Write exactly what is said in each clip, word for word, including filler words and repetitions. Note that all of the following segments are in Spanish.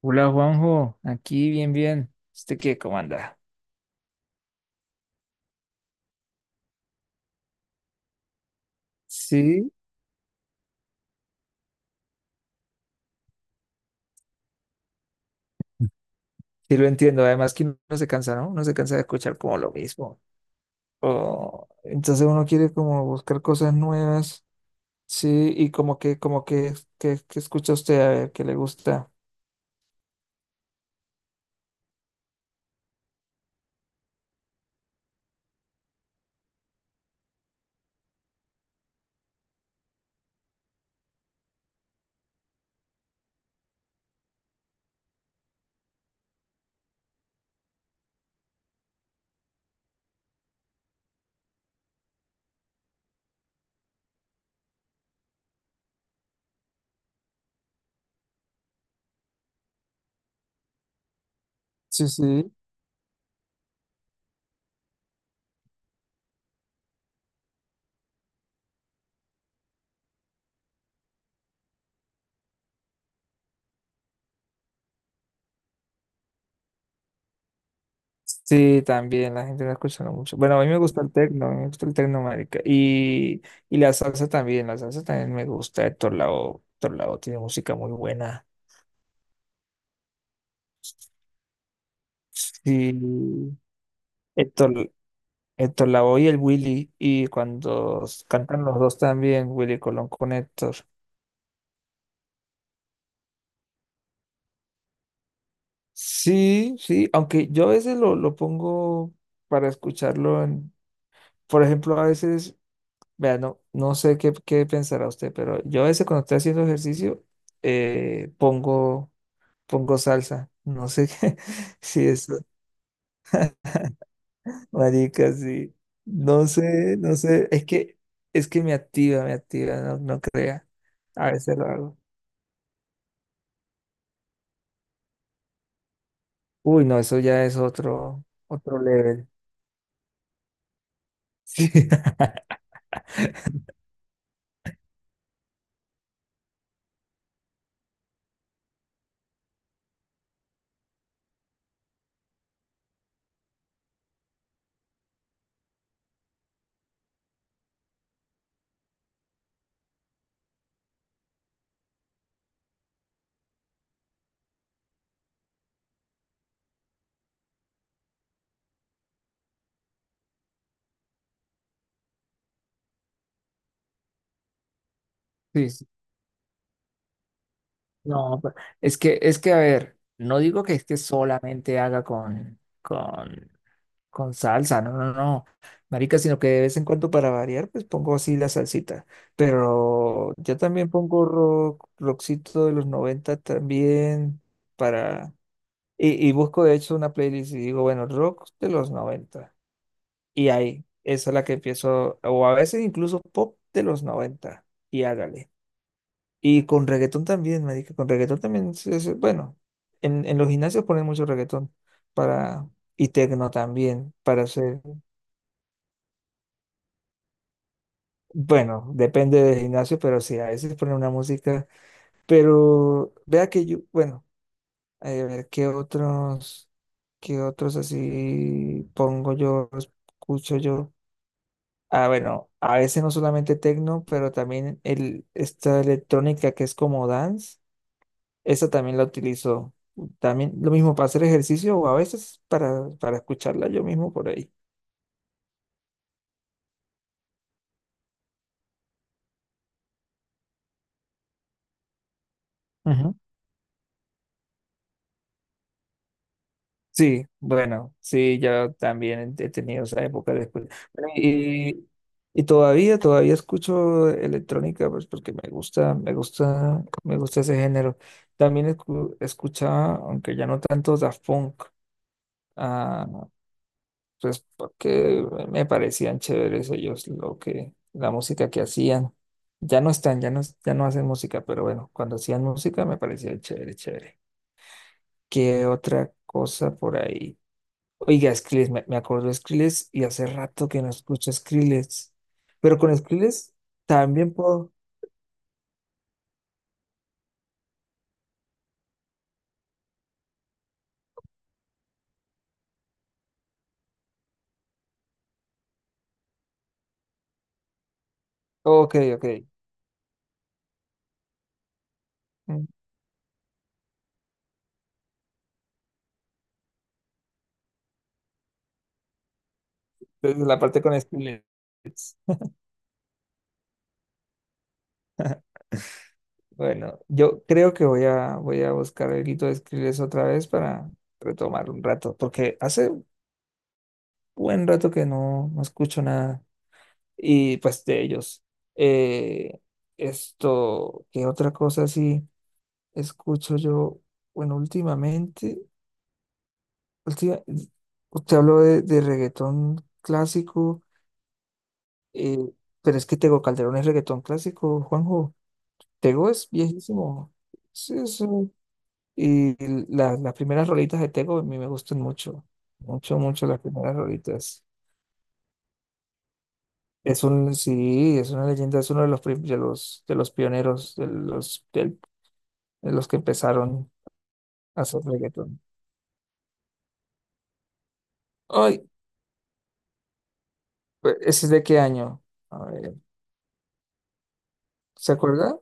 Hola Juanjo, aquí bien, bien. ¿Usted qué, cómo anda? Sí, sí lo entiendo. Además que uno se cansa, ¿no? Uno se cansa de escuchar como lo mismo. O- entonces uno quiere como buscar cosas nuevas. Sí, y como que, como que, que, que escucha usted a ver qué le gusta. Sí, sí. Sí, también la gente no escucha mucho. Bueno, a mí me gusta el tecno, a mí me gusta el tecno, marica. Y, y la salsa también, la salsa también me gusta. Héctor Lavoe, Héctor Lavoe tiene música muy buena. Sí. Héctor, Héctor Lavoe y el Willy, y cuando s- cantan los dos también, Willy Colón con Héctor. Sí, sí, aunque yo a veces lo, lo pongo para escucharlo en, por ejemplo, a veces, vea, no, no, sé qué, qué pensará usted, pero yo a veces cuando estoy haciendo ejercicio, eh, pongo, pongo salsa, no sé qué, si es, marica, sí, no sé, no sé, es que, es que me activa, me activa, no, no crea, a veces lo hago. Uy, no, eso ya es otro, otro level. Sí, sí, sí. No, pe- es que, es que, a ver, no digo que es que solamente haga con, con, con salsa, no, no, no, marica, sino que de vez en cuando para variar, pues pongo así la salsita. Pero yo también pongo rock, rockcito de los noventa también para, y, y busco de hecho una playlist y digo, bueno, rock de los noventa. Y ahí, esa es la que empiezo, o a veces incluso pop de los noventa y hágale. Y con reggaetón también, me dije, con reggaetón también, se- se- bueno, en, en los gimnasios ponen mucho reggaetón para, y tecno también, para hacer, bueno, depende del gimnasio, pero sí, a veces ponen una música, pero vea que yo, bueno, eh, a ver, ¿qué otros, qué otros así pongo yo, escucho yo? Ah, bueno, a veces no solamente techno, pero también el, esta electrónica que es como dance, esa también la utilizo. También lo mismo para hacer ejercicio o a veces para, para escucharla yo mismo por ahí. Ujú. Sí, bueno, sí, yo también he tenido esa época de escuela. Bueno, Y, y todavía, todavía escucho electrónica, pues porque me gusta, me gusta, me gusta ese género. También escu- escuchaba, aunque ya no tanto, Daft Punk. ah, pues porque me parecían chéveres ellos lo que, la música que hacían. Ya no están, ya no, ya no hacen música, pero bueno, cuando hacían música me parecía chévere, chévere. ¿Qué otra cosa por ahí? Oiga, Skrillex, me, me acuerdo de Skrillex y hace rato que no escucho Skrillex. Pero con Skrillex también puedo. Ok, ok. Mm, Entonces la parte con Skrillex. Bueno, yo creo que voy a, voy a buscar el grito de Skrillex otra vez para retomar un rato, porque hace buen rato que no, no escucho nada. Y pues de ellos. Eh, esto, ¿qué otra cosa así escucho yo? Bueno, últimamente, última- usted habló de, de reggaetón clásico, eh, pero es que Tego Calderón es reggaetón clásico, Juanjo. Tego es viejísimo. Sí, sí. Y la- las primeras rolitas de Tego a mí me gustan mucho. Mucho, mucho las primeras rolitas. Es un, sí, es una leyenda, es uno de los, prim- de los, de los pioneros, de los, del- de los que empezaron a hacer reggaetón. Ay, pe- ¿ese es de qué año? A ver, ¿se acuerda?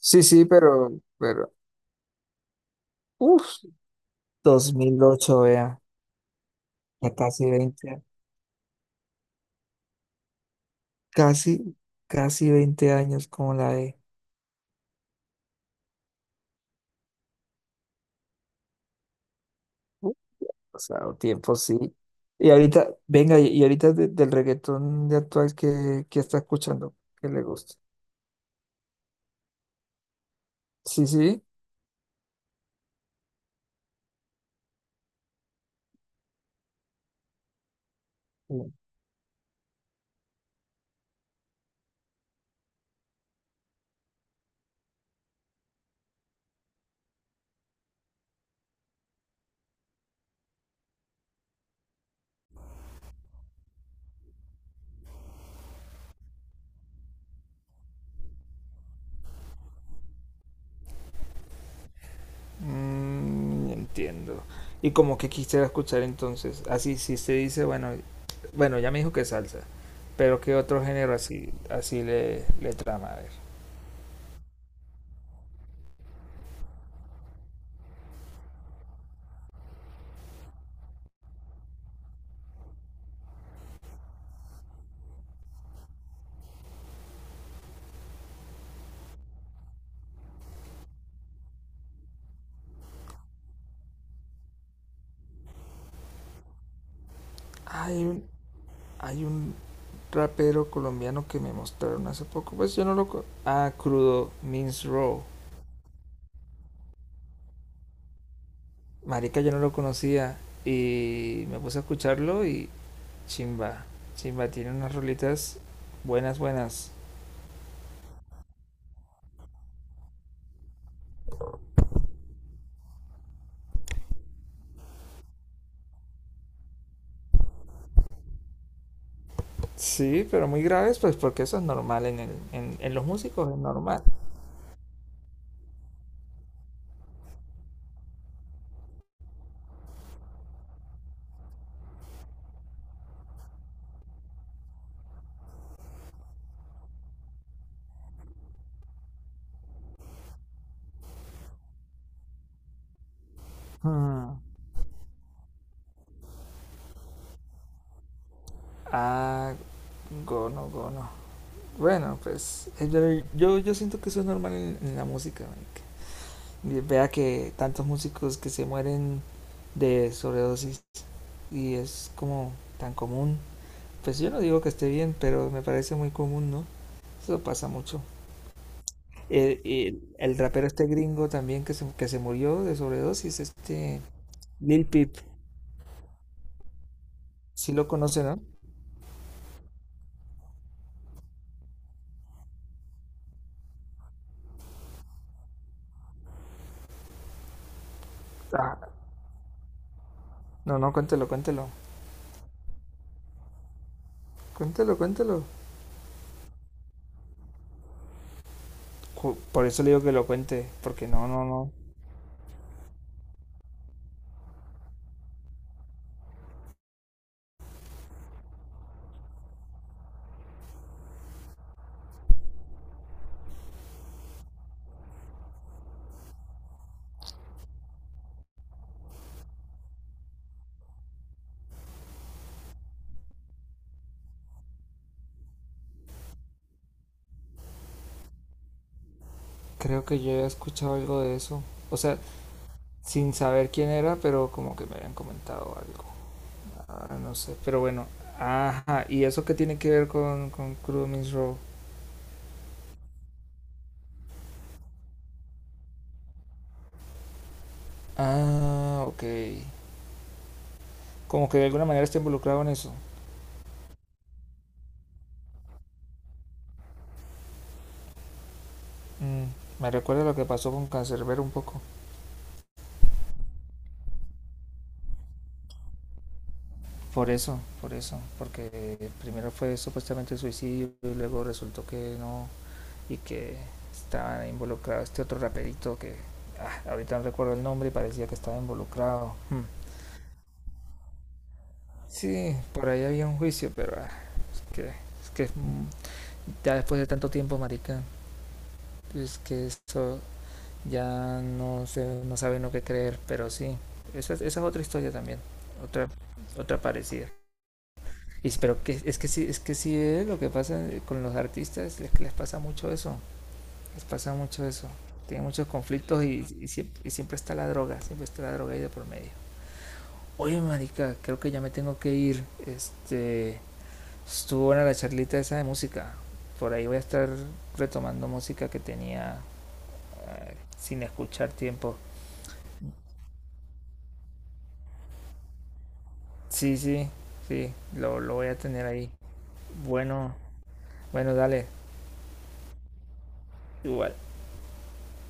Sí, sí, pero, pero, uff, dos mil ocho vea, ya casi veinte a- casi, casi veinte años como la de, o sea, tiempo, sí. Y ahorita, venga, y y ahorita de- del reggaetón de actual que, que está escuchando, que le gusta. Sí, sí. Mm, entiendo. ¿Y como que quisiera escuchar entonces? Así, si usted dice, bueno, bueno, ya me dijo que salsa, pero ¿qué otro género así, así le, le trama? A ver. Hay un, hay un rapero colombiano que me mostraron hace poco, pues yo no lo... co- Ah, Crudo Means Raw. Marica, yo no lo conocía y me puse a escucharlo y chimba, chimba, tiene unas rolitas buenas, buenas. Sí, pero muy graves, pues porque eso es normal en, el, en, en los músicos, es normal. Hmm. Ah, gono, gono. Bueno, pues eh, pero yo, yo siento que eso es normal en, en la música, marica. Ve- Vea que tantos músicos que se mueren de sobredosis y es como tan común. Pues yo no digo que esté bien, pero me parece muy común, ¿no? Eso pasa mucho. El, el, el rapero este gringo también que se, que se murió de sobredosis, este Lil Peep. Sí lo conoce, ¿no? Ah, no, no, cuéntelo, cuéntelo. Cuéntelo, cuéntelo. Cu- Por eso le digo que lo cuente, porque no, no, no. Creo que yo he escuchado algo de eso. O sea, sin saber quién era, pero como que me habían comentado algo. Ah, no sé, pero bueno. Ajá, ¿y eso qué tiene que ver con, con Crudo Means Raw? Ah, ok. Como que de alguna manera está involucrado en eso. Mm, me recuerda lo que pasó con Cancerbero un poco. Por eso, por eso, porque primero fue supuestamente suicidio y luego resultó que no y que estaba involucrado este otro raperito que ah, ahorita no recuerdo el nombre y parecía que estaba involucrado. Hmm. Sí, por ahí había un juicio, pero ah, es que es que mm, ya después de tanto tiempo, marica, es que eso ya no se no sabe no qué creer, pero sí, esa, es- esa es otra historia también, otra otra parecida. Y, pero que, es que sí, es que sí es lo que pasa con los artistas, es que les pasa mucho eso, les pasa mucho eso. Tienen muchos conflictos y, y siempre, y siempre está la droga, siempre está la droga ahí de por medio. Oye, marica, creo que ya me tengo que ir. Este, estuvo buena la charlita esa de música. Por ahí voy a estar retomando música que tenía eh, sin escuchar tiempo. Sí, sí, sí, lo, lo voy a tener ahí. Bueno, bueno, dale, igual.